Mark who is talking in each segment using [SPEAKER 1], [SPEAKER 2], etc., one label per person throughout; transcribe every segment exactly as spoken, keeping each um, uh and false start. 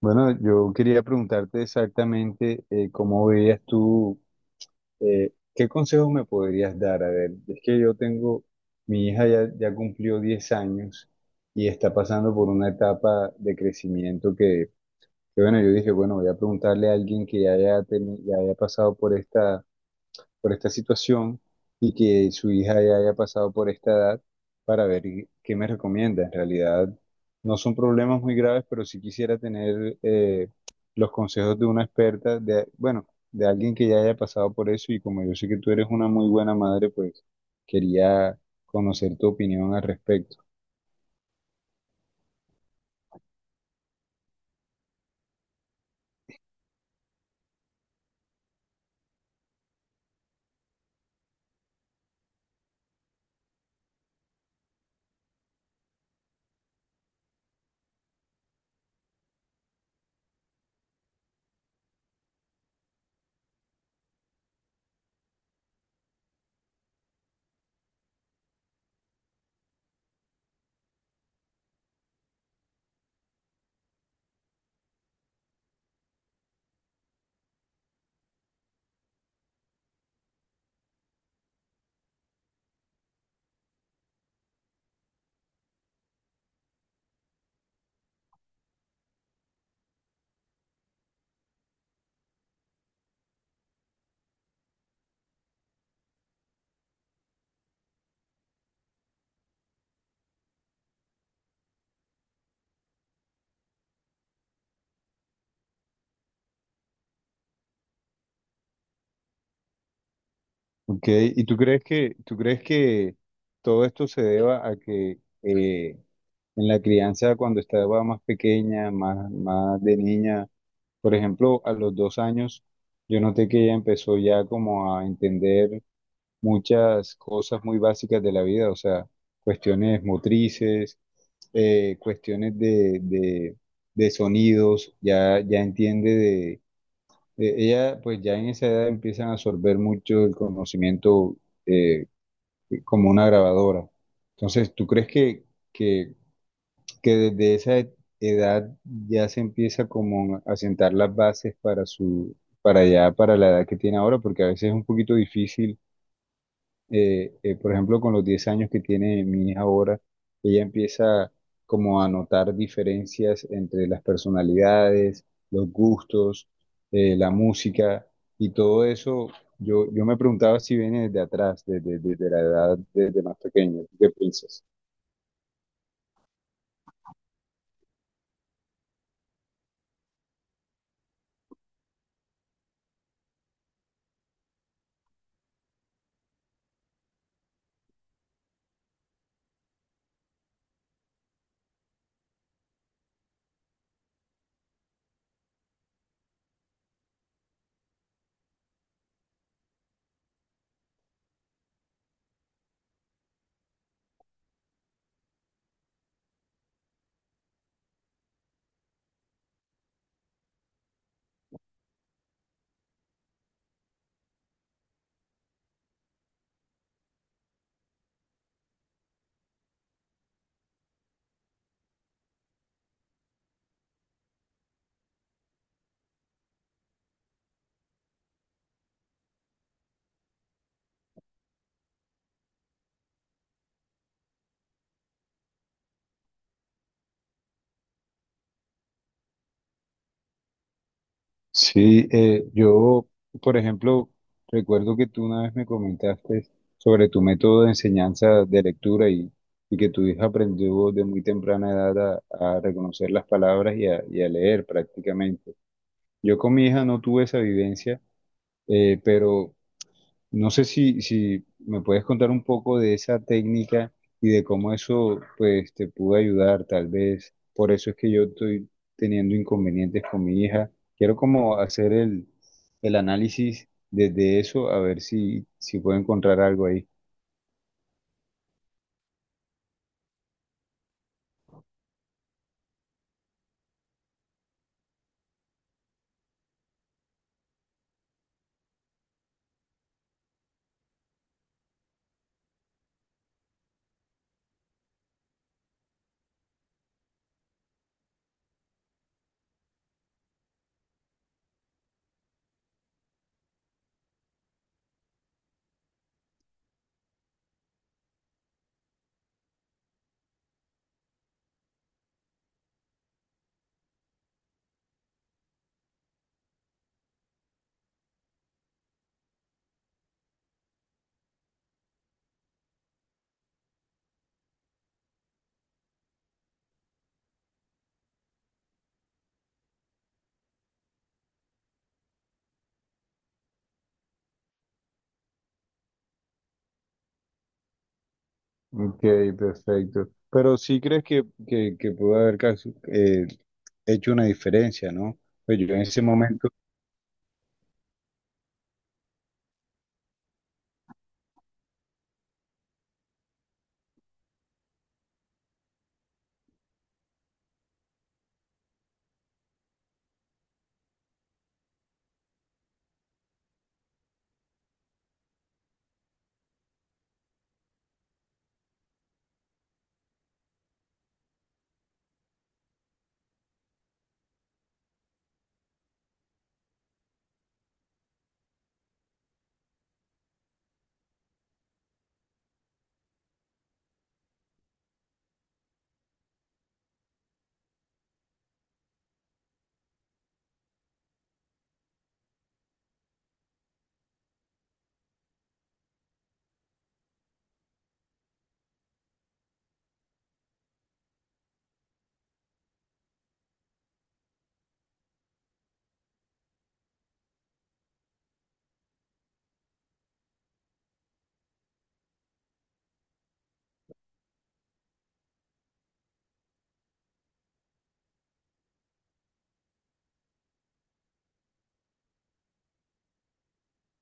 [SPEAKER 1] Bueno, yo quería preguntarte exactamente eh, cómo veías tú, eh, qué consejos me podrías dar. A ver, es que yo tengo, mi hija ya, ya cumplió diez años y está pasando por una etapa de crecimiento que, que, bueno, yo dije, bueno, voy a preguntarle a alguien que ya haya, teni- ya haya pasado por esta por esta situación y que su hija ya haya pasado por esta edad para ver y- qué me recomienda. En realidad no son problemas muy graves, pero sí quisiera tener eh, los consejos de una experta, de, bueno, de alguien que ya haya pasado por eso y como yo sé que tú eres una muy buena madre, pues quería conocer tu opinión al respecto. Ok, ¿y tú crees que, tú crees que todo esto se deba a que eh, en la crianza cuando estaba más pequeña, más, más de niña, por ejemplo, a los dos años, yo noté que ella empezó ya como a entender muchas cosas muy básicas de la vida, o sea, cuestiones motrices, eh, cuestiones de, de, de sonidos, ya, ya entiende eh, ella, pues ya en esa edad empiezan a absorber mucho el conocimiento eh, como una grabadora. Entonces, ¿tú crees que, que, que desde esa e- edad ya se empieza como a sentar las bases para su, para ya, para la edad que tiene ahora? Porque a veces es un poquito difícil eh, eh, por ejemplo, con los diez años que tiene mi hija ahora, ella empieza como a notar diferencias entre las personalidades, los gustos, eh, la música y todo eso. Yo, yo me preguntaba si viene desde atrás, desde, desde la edad, desde más pequeño. ¿Tú? ¿Qué piensas? Sí, eh, yo, por ejemplo, recuerdo que tú una vez me comentaste sobre tu método de enseñanza de lectura y, y que tu hija aprendió de muy temprana edad a, a reconocer las palabras y a, y a leer prácticamente. Yo con mi hija no tuve esa vivencia, eh, pero no sé si, si me puedes contar un poco de esa técnica y de cómo eso pues te pudo ayudar, tal vez. Por eso es que yo estoy teniendo inconvenientes con mi hija. Quiero como hacer el, el análisis desde eso, a ver si, si puedo encontrar algo ahí. Ok, perfecto. Pero sí crees que, que, que pudo haber caso- eh, hecho una diferencia, ¿no? Pues yo en ese momento.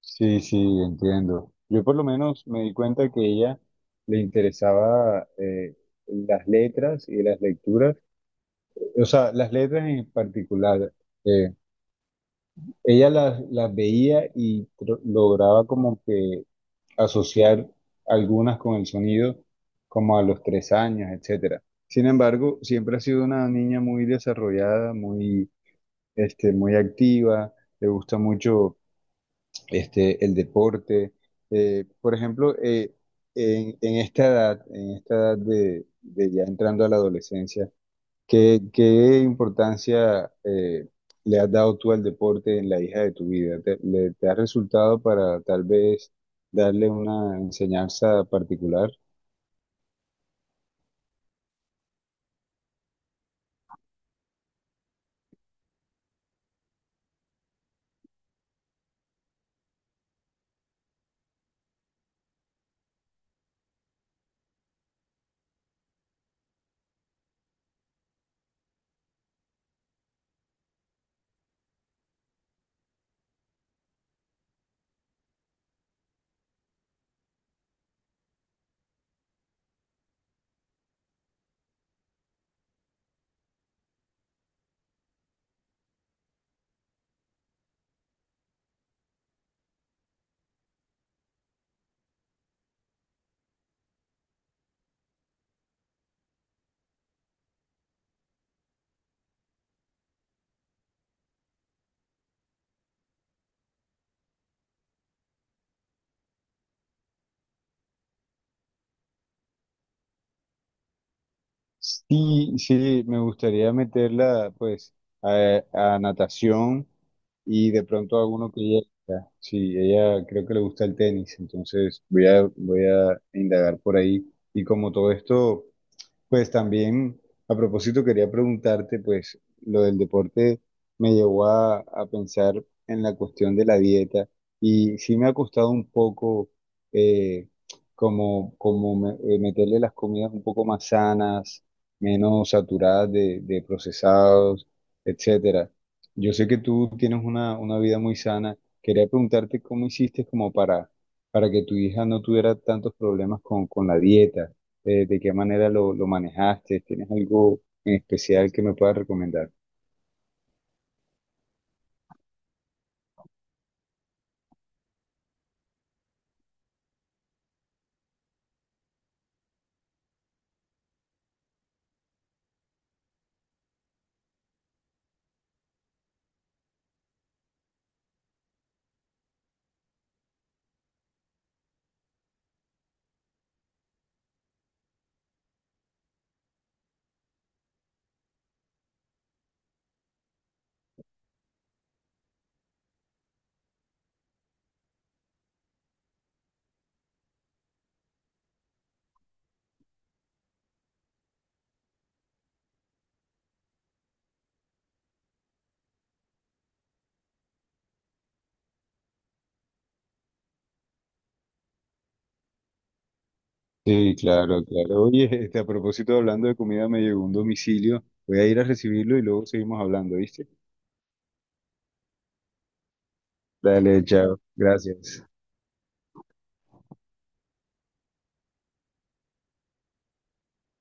[SPEAKER 1] Sí, sí, entiendo. Yo por lo menos me di cuenta que a ella le interesaba eh, las letras y las lecturas, o sea, las letras en particular. eh, Ella las, las veía y tro- lograba como que asociar algunas con el sonido, como a los tres años, etcétera. Sin embargo, siempre ha sido una niña muy desarrollada, muy, este, muy activa, le gusta mucho este, el deporte. Eh, por ejemplo, eh, en, en esta edad, en esta edad de, de ya entrando a la adolescencia, ¿qué, ¿qué importancia eh, le has dado tú al deporte en la hija de tu vida? ¿Te, le, ¿te ha resultado para tal vez darle una enseñanza particular? Sí, sí, me gustaría meterla pues a, a natación y de pronto a uno que ella, sí, ella creo que le gusta el tenis, entonces voy a, voy a indagar por ahí. Y como todo esto... Pues también, a propósito, quería preguntarte, pues lo del deporte me llevó a, a pensar en la cuestión de la dieta y sí me ha costado un poco eh, como, como me- eh, meterle las comidas un poco más sanas, menos saturadas de, de procesados, etcétera. Yo sé que tú tienes una, una vida muy sana. Quería preguntarte cómo hiciste como para, para que tu hija no tuviera tantos problemas con, con la dieta eh, de qué manera lo, lo manejaste, ¿tienes algo en especial que me puedas recomendar? Sí, claro, claro. Oye, este, a propósito, hablando de comida, me llegó un domicilio. Voy a ir a recibirlo y luego seguimos hablando, ¿viste? Dale, chao. Gracias.